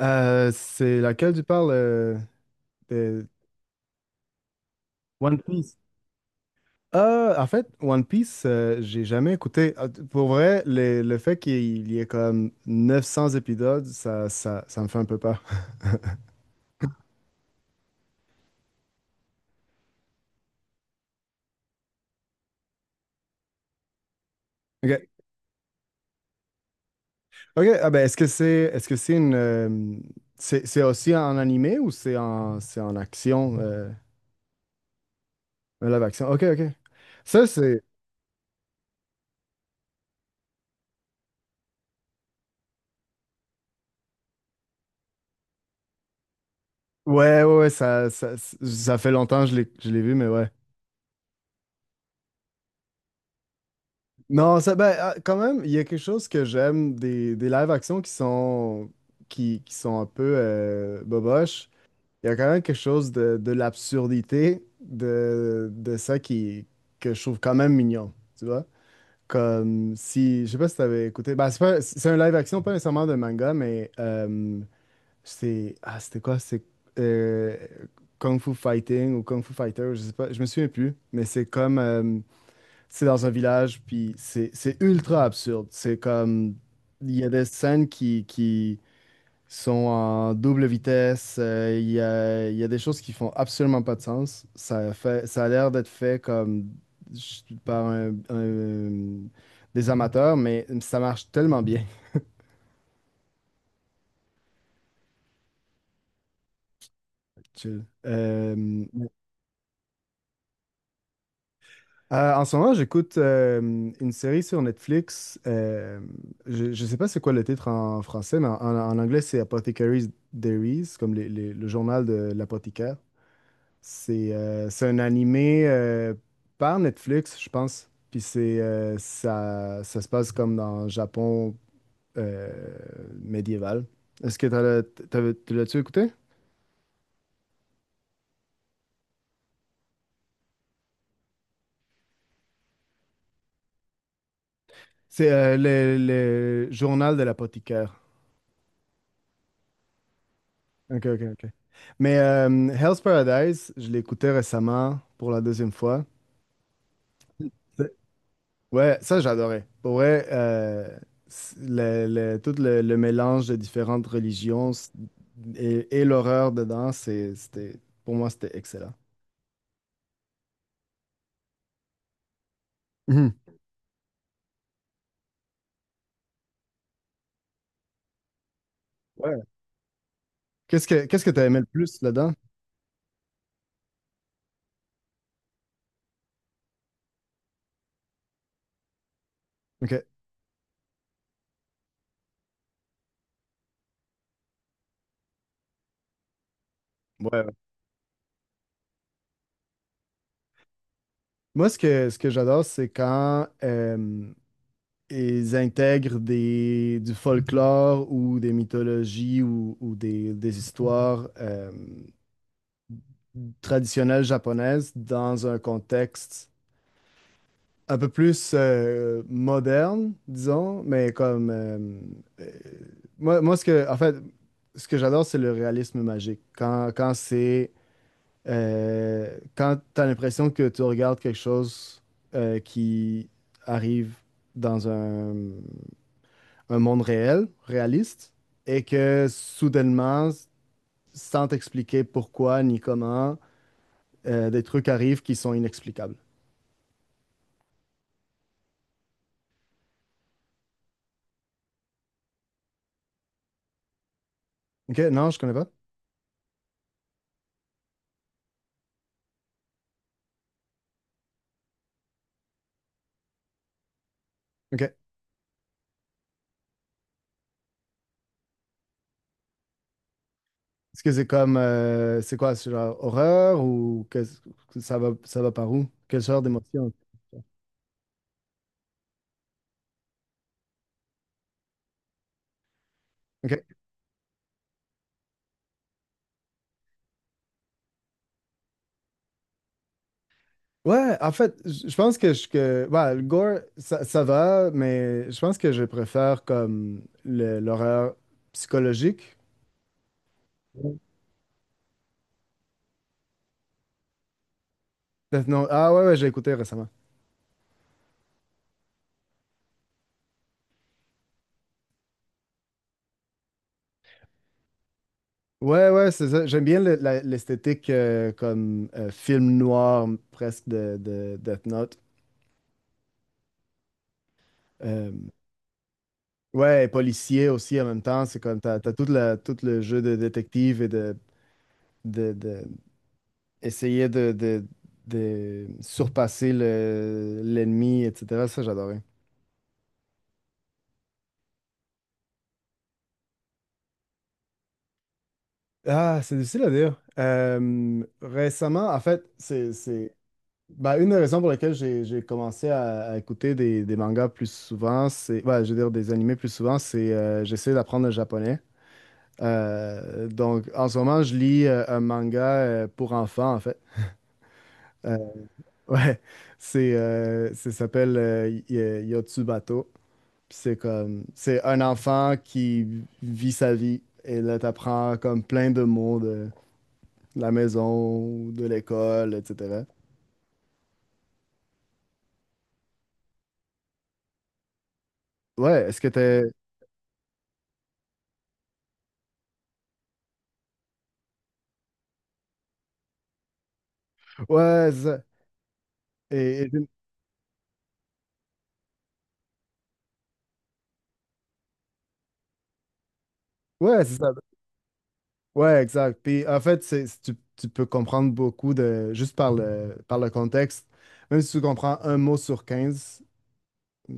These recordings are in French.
C'est laquelle tu parles de One Piece? En fait, One Piece, j'ai jamais écouté. Ah, pour vrai, le fait qu'il y ait comme 900 épisodes, ça me fait un peu peur. OK. OK, ah ben, est-ce que c'est une c'est aussi en animé ou c'est en action un live action. OK, OK. Ça c'est Ouais, ouais, ouais, ça fait longtemps que je l'ai vu mais ouais. Non, ça, ben, ah, quand même, il y a quelque chose que j'aime des live-action qui sont, qui sont un peu boboches. Il y a quand même quelque chose de l'absurdité de ça que je trouve quand même mignon, tu vois? Comme si, je sais pas si t'avais écouté, ben, c'est un live-action, pas nécessairement de manga, mais c'est, ah, c'était quoi? C'est euh, Kung Fu Fighting ou Kung Fu Fighter, je sais pas, je me souviens plus, mais c'est comme, c'est dans un village, puis c'est ultra absurde. C'est comme, il y a des scènes qui sont en double vitesse, il y a des choses qui font absolument pas de sens. Ça fait, ça a l'air d'être fait comme ch- par un- un- des amateurs, mais ça marche tellement bien. Chill. En ce moment, j'écoute une série sur Netflix. Je ne sais pas c'est quoi le titre en français, mais en anglais, c'est Apothecaries Diaries, comme le journal de l'apothicaire. C'est un animé par Netflix, je pense. Puis c'est ça se passe comme dans le Japon euh, médiéval. Est-ce que tu l'as-tu écouté? C'est le journal de l'apothicaire. Ok, ok, ok. Mais Hell's Paradise, je l'ai écouté récemment pour la deuxième fois. C'est- Ouais, ça j'adorais. Pour vrai, c- le, tout le mélange de différentes religions et l'horreur dedans, c'était, pour moi, c'était excellent. Mhm. Ouais. Qu'est-ce que t'as aimé le plus là-dedans? Ok. Ouais. Ouais. Moi, ce que j'adore, c'est quand ils intègrent du folklore ou des mythologies ou des histoires traditionnelles japonaises dans un contexte un peu plus moderne, disons. Euh, Moi, en fait, ce que j'adore, c'est le réalisme magique. Quand quand tu as l'impression que tu regardes quelque chose qui arrive dans un monde réel, réaliste, et que soudainement, sans t'expliquer pourquoi ni comment, des trucs arrivent qui sont inexplicables. Ok, non, je connais pas. Ok. Est-ce que c'est comme, c'est quoi, c'est genre horreur ou que ça va par où? Quelle sorte d'émotion? Ok. Ouais, en fait, je pense que ouais, le gore, ça va, mais je pense que je préfère comme l'horreur psychologique. Non, ah ouais, ouais, j'ai écouté récemment. Ouais, ouais, c'est ça. J'aime bien l'esthétique comme film noir presque de Death Note. Euh, ouais, et policier aussi en même temps. C'est comme t'as toute tout le jeu de détective et de, de- essayer de surpasser l'ennemi, etc. Ça, j'adorais. Ah, c'est difficile à dire. Récemment, en fait, c'est bah, une des raisons pour lesquelles j'ai commencé à écouter des mangas plus souvent, c'est, ouais, je veux dire des animés plus souvent, c'est j'essaie d'apprendre le japonais. Donc, en ce moment, je lis un manga pour enfants, en fait. Euh, ouais, ça s'appelle Yotsubato. Puis c'est un enfant qui vit sa vie. Et là, t'apprends comme plein de mots de la maison, de l'école, etc. Ouais, est-ce que t'es... Ouais, c'est ça. Et, Ouais, c'est ça. Ouais, exact. Puis en fait, tu peux comprendre beaucoup de juste par le contexte. Même si tu comprends un mot sur 15,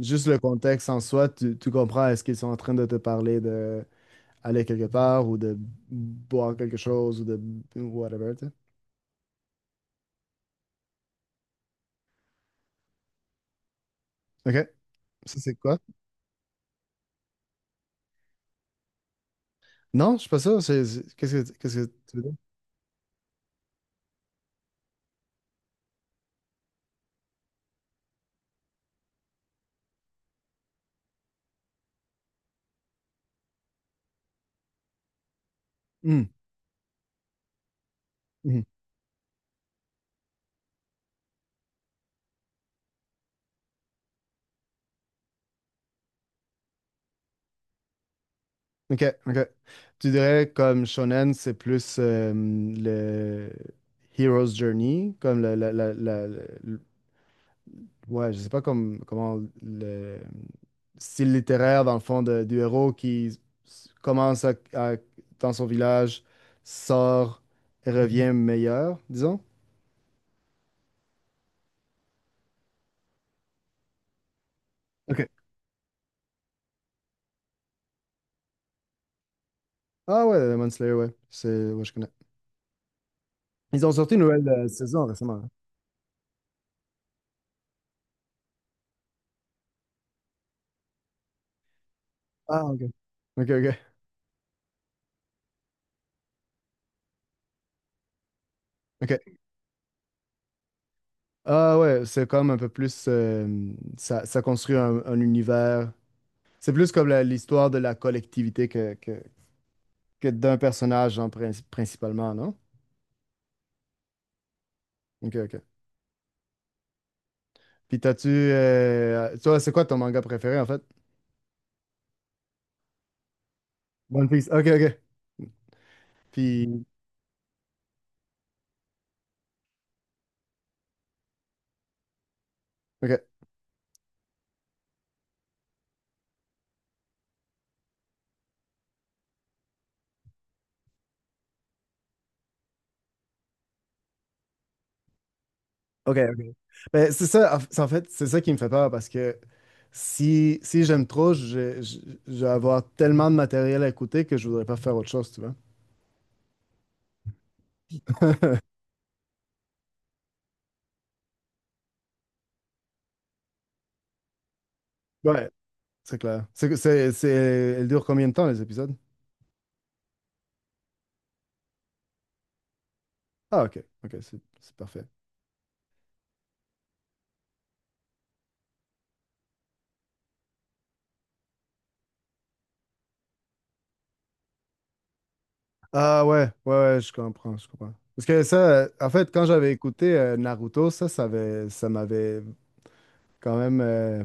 juste le contexte en soi, tu comprends est-ce qu'ils sont en train de te parler de aller quelque part ou de boire quelque chose ou de whatever, tu sais. OK. Ça, c'est quoi? Non, je suis pas sûr. Qu'est-ce que tu veux dire? Hmm. Hmm. Ok, ok. Tu dirais comme shonen, c'est plus le hero's journey, comme ouais, je sais pas comment le style littéraire dans le fond du héros qui commence dans son village, sort et revient meilleur, disons. Ok. Ah ouais, Demon Slayer, ouais, c'est ouais, je connais. Ils ont sorti une nouvelle saison récemment, hein. Ah ok. Ok, ok, ok. Ah ouais, c'est comme un peu plus, ça construit un univers. C'est plus comme l'histoire de la collectivité que d'un personnage, genre, principalement, non? Ok, ok. Puis t'as-tu. Toi, c'est quoi ton manga préféré, en fait? One Piece. Ok, ok. Puis. Ok, ok, ok. Ben, c'est ça, en fait, c'est ça qui me fait peur parce que si j'aime trop, je vais avoir tellement de matériel à écouter que je voudrais pas faire autre chose, tu vois? Ouais, c'est clair. Elle dure combien de temps, les épisodes? Ah, ok, ok, c'est parfait. Ah, ouais, ouais, ouais, je comprends, je comprends. Parce que ça, en fait, quand j'avais écouté Naruto, ça m'avait quand même.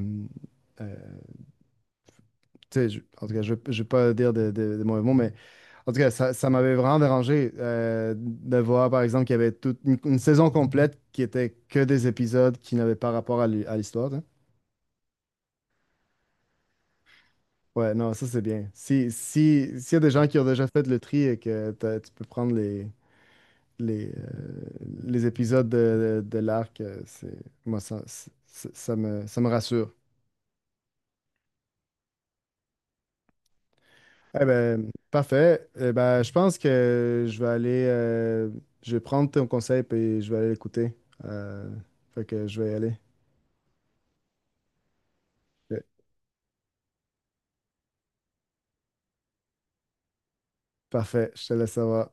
euh, Tu sais, en tout cas, je ne vais pas dire de mauvais mots, mais en tout cas, ça m'avait vraiment dérangé de voir, par exemple, qu'il y avait toute une saison complète qui était que des épisodes qui n'avaient pas rapport à l'histoire, tu sais. Ouais, non, ça, c'est bien. Si, si, S'il y a des gens qui ont déjà fait le tri et que tu peux prendre les, euh, les épisodes de l'arc, c'est, moi, ça, c'est- ça me rassure. Eh ben, parfait. Eh ben, je pense que je vais prendre ton conseil et je vais aller l'écouter. Euh, Fait que je vais y aller. Ok. Parfait, je te laisse savoir.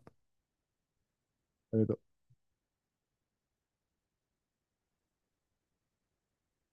À bientôt.